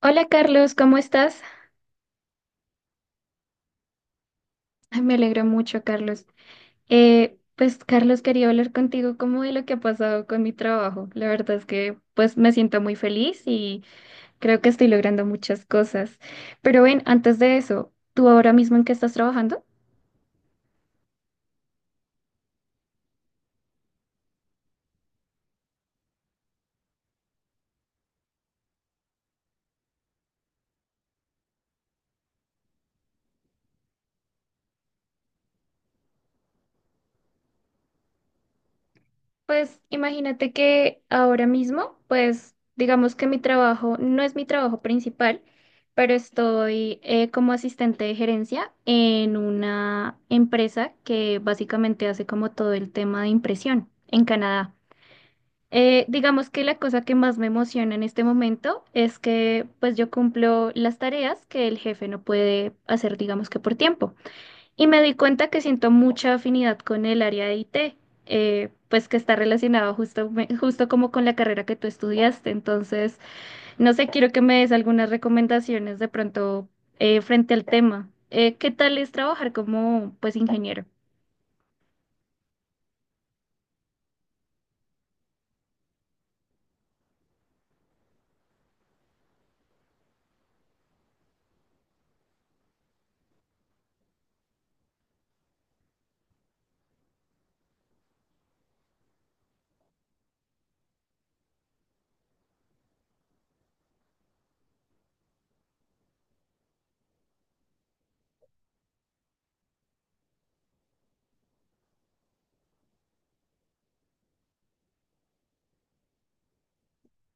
Hola Carlos, ¿cómo estás? Ay, me alegro mucho, Carlos. Pues Carlos, quería hablar contigo como de lo que ha pasado con mi trabajo. La verdad es que pues me siento muy feliz y creo que estoy logrando muchas cosas. Pero ven, antes de eso, ¿tú ahora mismo en qué estás trabajando? Pues imagínate que ahora mismo, pues digamos que mi trabajo no es mi trabajo principal, pero estoy como asistente de gerencia en una empresa que básicamente hace como todo el tema de impresión en Canadá. Digamos que la cosa que más me emociona en este momento es que pues yo cumplo las tareas que el jefe no puede hacer, digamos que por tiempo. Y me di cuenta que siento mucha afinidad con el área de IT, pues que está relacionado justo como con la carrera que tú estudiaste. Entonces, no sé, quiero que me des algunas recomendaciones de pronto frente al tema. ¿Qué tal es trabajar como pues ingeniero?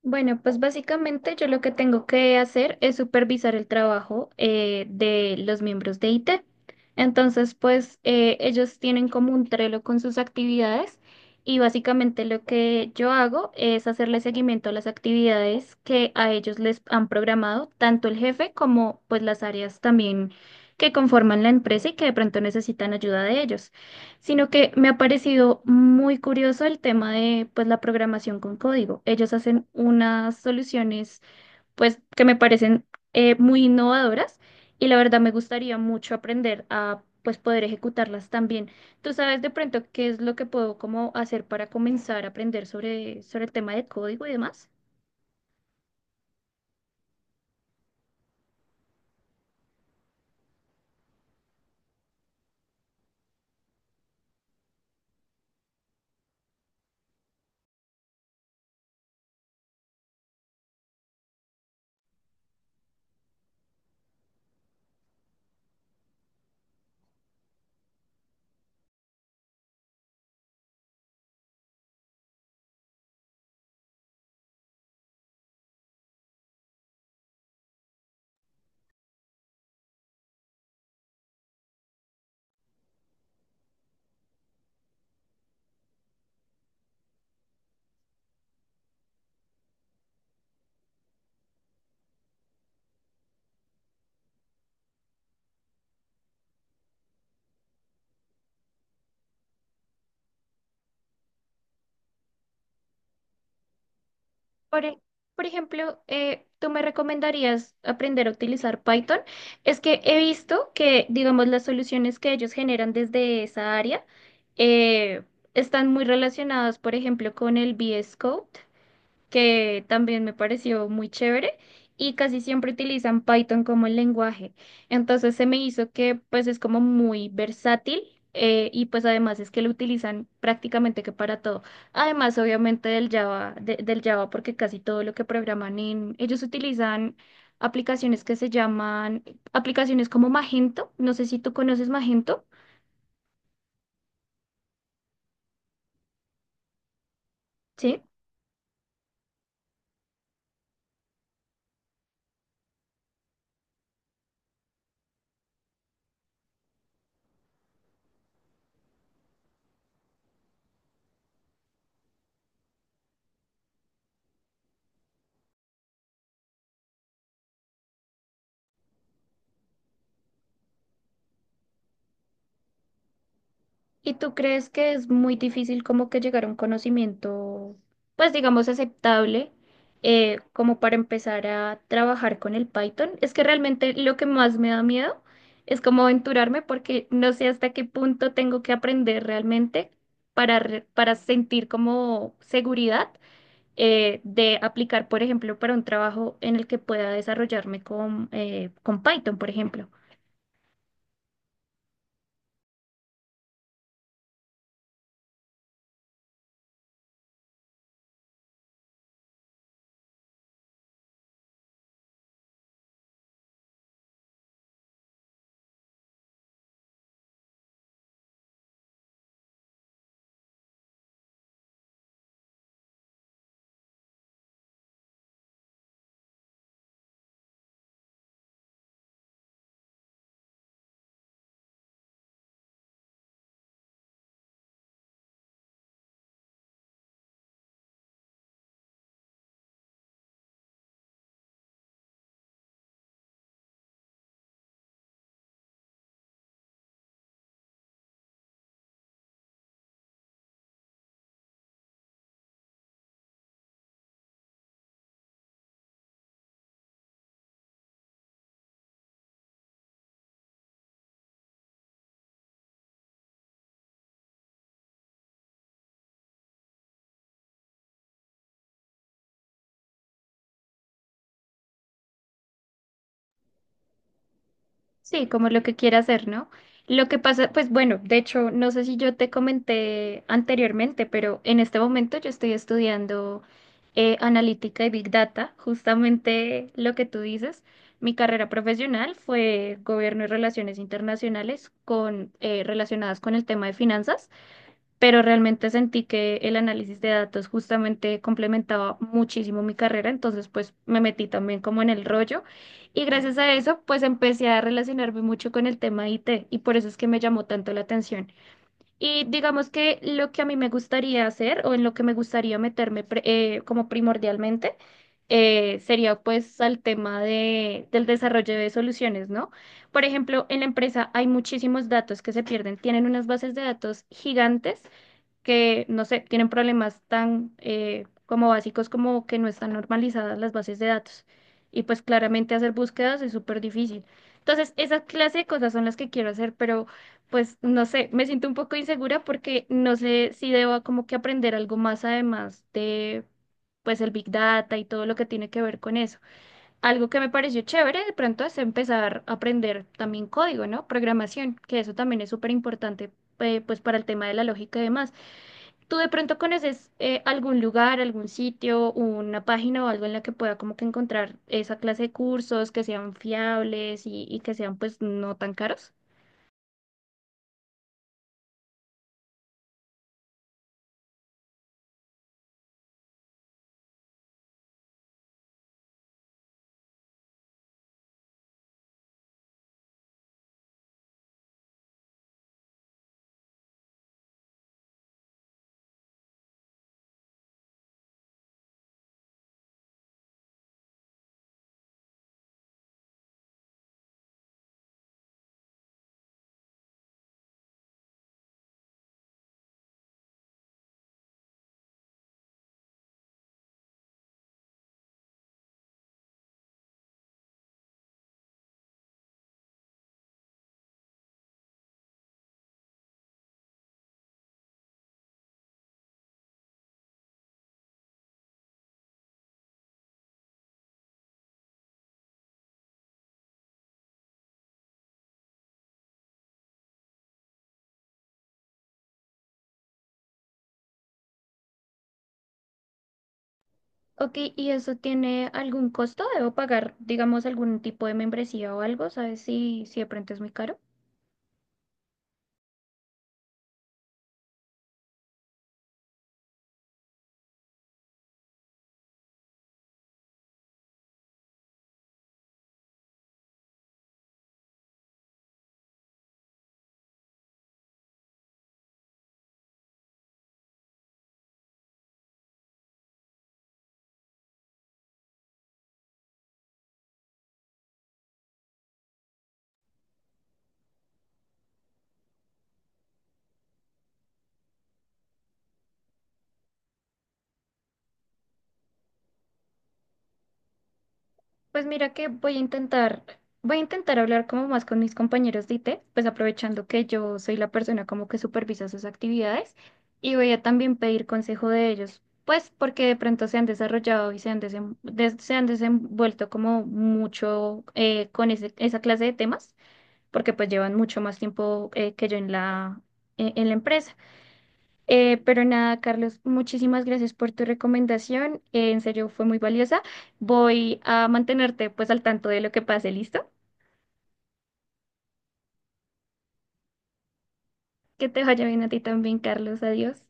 Bueno, pues básicamente yo lo que tengo que hacer es supervisar el trabajo de los miembros de IT. Entonces, pues ellos tienen como un Trello con sus actividades y básicamente lo que yo hago es hacerle seguimiento a las actividades que a ellos les han programado, tanto el jefe como pues las áreas también que conforman la empresa y que de pronto necesitan ayuda de ellos sino que me ha parecido muy curioso el tema de pues la programación con código. Ellos hacen unas soluciones pues que me parecen muy innovadoras y la verdad me gustaría mucho aprender a pues poder ejecutarlas también. ¿Tú sabes de pronto qué es lo que puedo como hacer para comenzar a aprender sobre, sobre el tema de código y demás? Por, e- por ejemplo, ¿tú me recomendarías aprender a utilizar Python? Es que he visto que, digamos, las soluciones que ellos generan desde esa área eh, están muy relacionadas, por ejemplo, con el VS Code que también me pareció muy chévere y casi siempre utilizan Python como el lenguaje. Entonces se me hizo que pues es como muy versátil y pues además es que lo utilizan prácticamente que para todo. Además obviamente del Java, del Java porque casi todo lo que programan en, ellos utilizan aplicaciones que se llaman aplicaciones como Magento. No sé si tú conoces Magento, ¿sí? ¿Y tú crees que es muy difícil como que llegar a un conocimiento, pues digamos, aceptable, como para empezar a trabajar con el Python? Es que realmente lo que más me da miedo es como aventurarme porque no sé hasta qué punto tengo que aprender realmente para, para sentir como seguridad de aplicar, por ejemplo, para un trabajo en el que pueda desarrollarme con Python, por ejemplo. Sí, como lo que quiera hacer, ¿no? Lo que pasa, pues bueno, de hecho, no sé si yo te comenté anteriormente, pero en este momento yo estoy estudiando analítica y Big Data, justamente lo que tú dices. Mi carrera profesional fue gobierno y relaciones internacionales con, relacionadas con el tema de finanzas pero realmente sentí que el análisis de datos justamente complementaba muchísimo mi carrera, entonces pues me metí también como en el rollo y gracias a eso pues empecé a relacionarme mucho con el tema IT y por eso es que me llamó tanto la atención. Y digamos que lo que a mí me gustaría hacer o en lo que me gustaría meterme como primordialmente sería pues al tema de, del desarrollo de soluciones, ¿no? Por ejemplo, en la empresa hay muchísimos datos que se pierden, tienen unas bases de datos gigantes que, no sé, tienen problemas tan como básicos como que no están normalizadas las bases de datos. Y pues claramente hacer búsquedas es súper difícil. Entonces, esa clase de cosas son las que quiero hacer, pero pues no sé, me siento un poco insegura porque no sé si debo como que aprender algo más además de pues el Big Data y todo lo que tiene que ver con eso. Algo que me pareció chévere de pronto es empezar a aprender también código, ¿no? Programación, que eso también es súper importante pues para el tema de la lógica y demás. ¿Tú de pronto conoces algún lugar, algún sitio, una página o algo en la que pueda como que encontrar esa clase de cursos que sean fiables y que sean pues no tan caros? Ok, ¿y eso tiene algún costo? ¿Debo pagar, digamos, algún tipo de membresía o algo? ¿Sabes si, si de pronto es muy caro? Pues mira que voy a intentar hablar como más con mis compañeros de IT, pues aprovechando que yo soy la persona como que supervisa sus actividades y voy a también pedir consejo de ellos, pues porque de pronto se han desarrollado y se han, se han desenvuelto como mucho con esa clase de temas, porque pues llevan mucho más tiempo que yo en la, en la empresa. Pero nada, Carlos, muchísimas gracias por tu recomendación. En serio, fue muy valiosa. Voy a mantenerte pues al tanto de lo que pase, ¿listo? Que te vaya bien a ti también, Carlos. Adiós.